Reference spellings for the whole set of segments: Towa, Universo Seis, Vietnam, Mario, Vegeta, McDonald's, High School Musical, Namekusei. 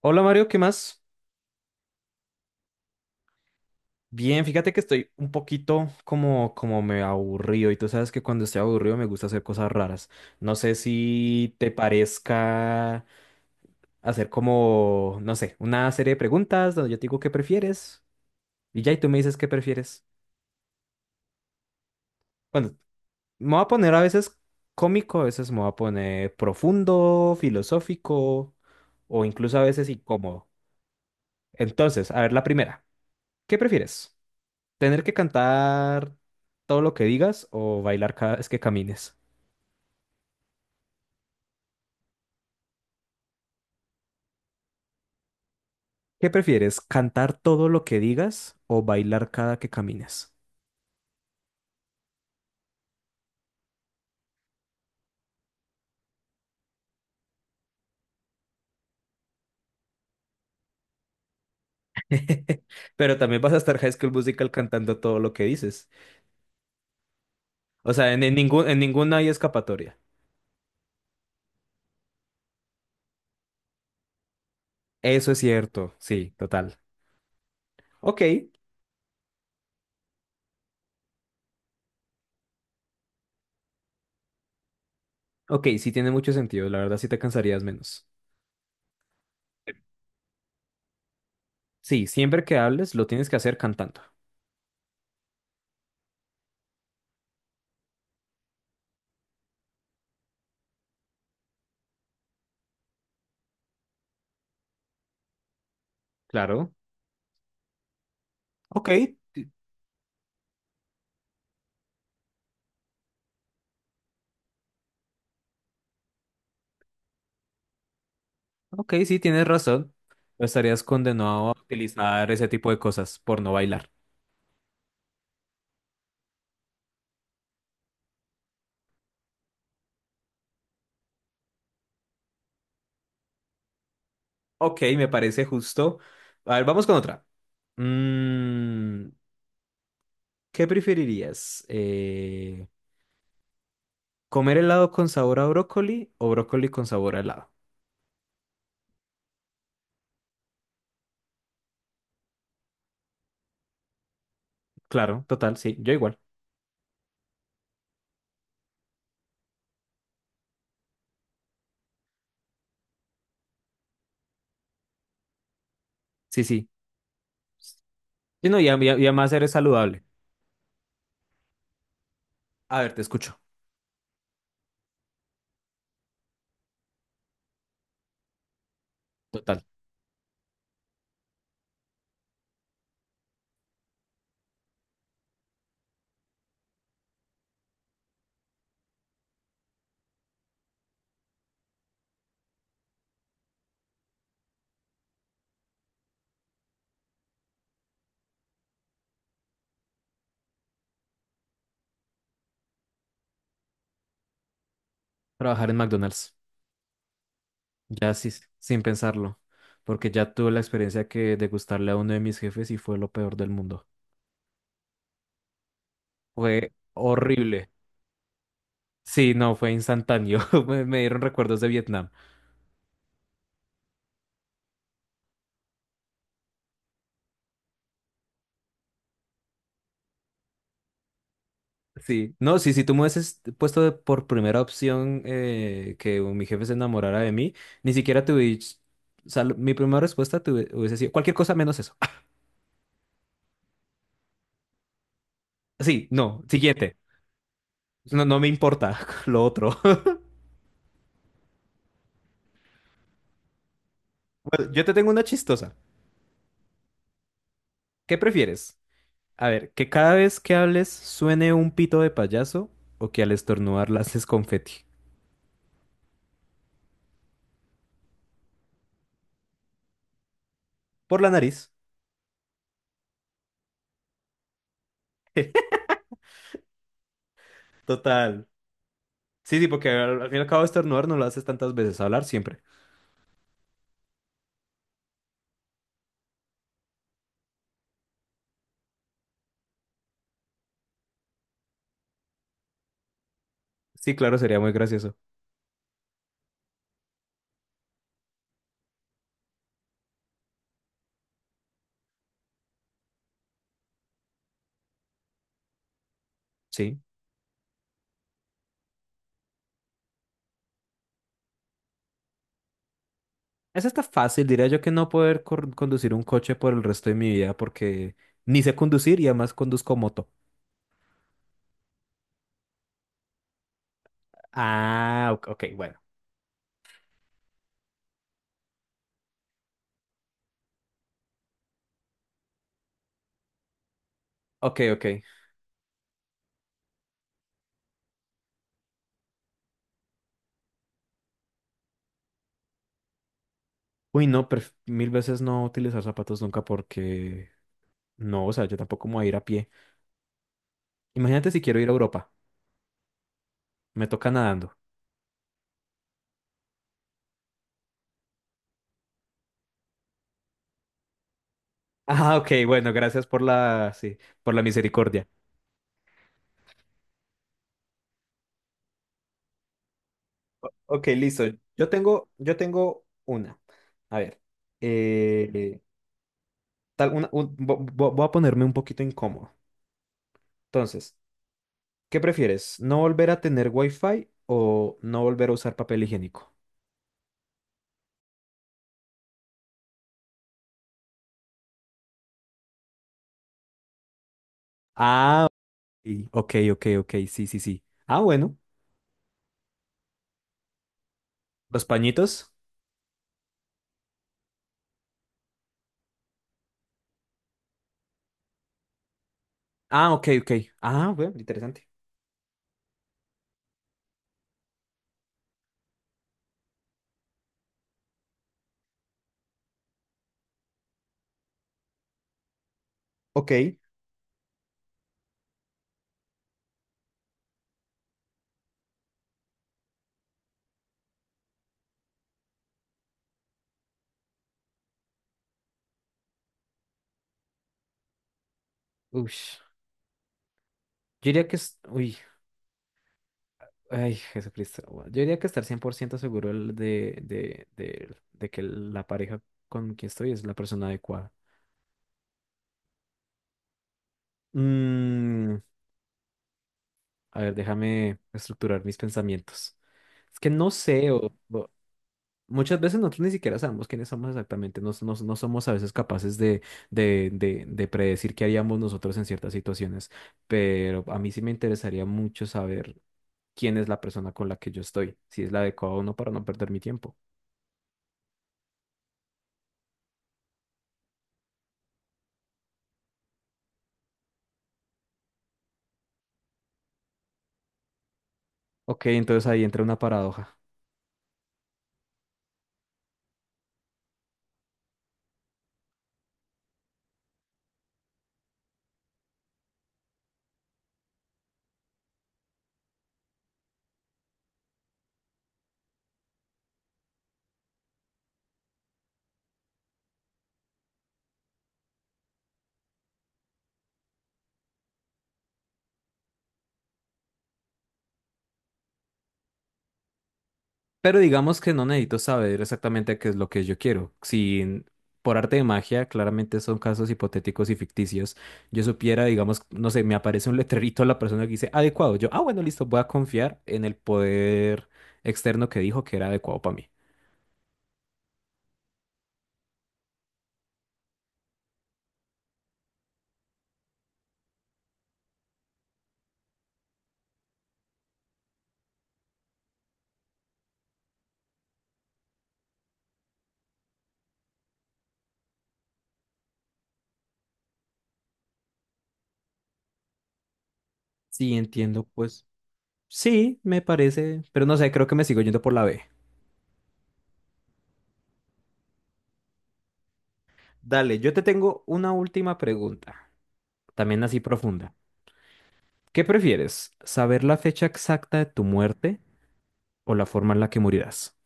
Hola Mario, ¿qué más? Bien, fíjate que estoy un poquito como me aburrido y tú sabes que cuando estoy aburrido me gusta hacer cosas raras. No sé si te parezca hacer como, no sé, una serie de preguntas donde yo te digo qué prefieres y ya y tú me dices qué prefieres. Bueno, me voy a poner a veces cómico, a veces me voy a poner profundo, filosófico o incluso a veces incómodo. Entonces, a ver la primera. ¿Qué prefieres? ¿Tener que cantar todo lo que digas o bailar cada vez que camines? ¿Qué prefieres? ¿Cantar todo lo que digas o bailar cada que camines? Pero también vas a estar High School Musical cantando todo lo que dices. O sea, en ninguna hay escapatoria. Eso es cierto, sí, total. Ok, ok, sí tiene mucho sentido. La verdad sí te cansarías menos. Sí, siempre que hables lo tienes que hacer cantando. Claro. Ok, ok, sí tienes razón. No estarías condenado a utilizar ese tipo de cosas por no bailar. Ok, me parece justo. A ver, vamos con otra. Mm, ¿Qué preferirías? ¿Comer helado con sabor a brócoli o brócoli con sabor a helado? Claro, total, sí, yo igual. Sí, sí. Y no, y además eres saludable. A ver, te escucho. Total. Trabajar en McDonald's. Ya sí, sin pensarlo. Porque ya tuve la experiencia que de gustarle a uno de mis jefes y fue lo peor del mundo. Fue horrible. Sí, no, fue instantáneo. Me dieron recuerdos de Vietnam. Sí, no, sí, si tú me hubieses puesto por primera opción, que mi jefe se enamorara de mí. Ni siquiera te hubies- O sea, mi primera respuesta te hubiese sido cualquier cosa menos eso. Sí, no, siguiente. No, no me importa lo otro. Bueno, yo te tengo una chistosa. ¿Qué prefieres? A ver, que cada vez que hables suene un pito de payaso o que al estornudar lances confeti por la nariz. Total. Sí, sí, porque al fin y al cabo estornudar no lo haces tantas veces, hablar siempre. Sí, claro, sería muy gracioso. Sí. Esa está fácil, diría yo que no poder conducir un coche por el resto de mi vida porque ni sé conducir y además conduzco moto. Ah, ok, ok, bueno. Ok, ok. Uy, no, mil veces no utilizar zapatos nunca porque no, o sea, yo tampoco me voy a ir a pie. Imagínate si quiero ir a Europa, me toca nadando. Ah, ok, bueno, gracias por la, sí, por la misericordia. Ok, listo. Yo tengo una. A ver, eh, tal, una, un- vo- vo- voy a ponerme un poquito incómodo. Entonces. ¿Qué prefieres? ¿No volver a tener wifi o no volver a usar papel higiénico? Ah, ok, ok, ok, ok, sí, sí, sí. Ah, bueno. ¿Los pañitos? Ah, ok, ok. Ah, bueno, interesante. Ok. Uy, yo diría que es, uy, ay, Jesucristo. Bueno, yo diría que estar 100% seguro el de que la pareja con quien estoy es la persona adecuada. Mm, a ver, déjame estructurar mis pensamientos. Es que no sé, muchas veces nosotros ni siquiera sabemos quiénes somos exactamente, no somos a veces capaces de predecir qué haríamos nosotros en ciertas situaciones, pero a mí sí me interesaría mucho saber quién es la persona con la que yo estoy, si es la adecuada o no para no perder mi tiempo. Ok, entonces ahí entra una paradoja. Pero digamos que no necesito saber exactamente qué es lo que yo quiero. Si en- Por arte de magia, claramente son casos hipotéticos y ficticios, yo supiera, digamos, no sé, me aparece un letrerito a la persona que dice adecuado. Yo, ah, bueno, listo, voy a confiar en el poder externo que dijo que era adecuado para mí. Sí, entiendo, pues sí, me parece, pero no sé, creo que me sigo yendo por la B. Dale, yo te tengo una última pregunta, también así profunda. ¿Qué prefieres? ¿Saber la fecha exacta de tu muerte o la forma en la que morirás?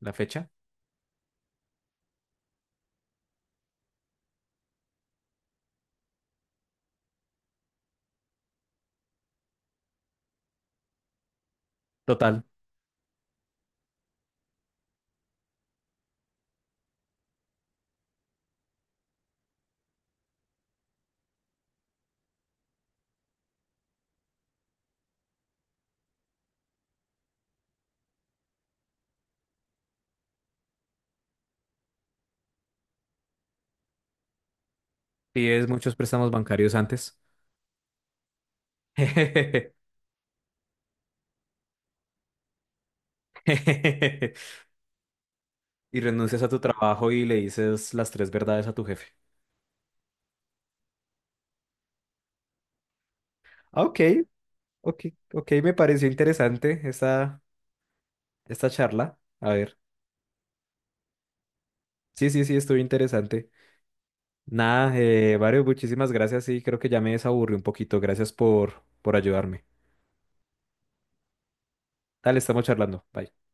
La fecha. Total, pides muchos préstamos bancarios antes. Y renuncias a tu trabajo y le dices las tres verdades a tu jefe. Ah, ok, ok, ok, me pareció interesante esta charla. A ver, sí, sí, sí, estuvo interesante. Nada, Mario, muchísimas gracias y creo que ya me desaburrí un poquito. Gracias por ayudarme. Dale, estamos charlando. Bye.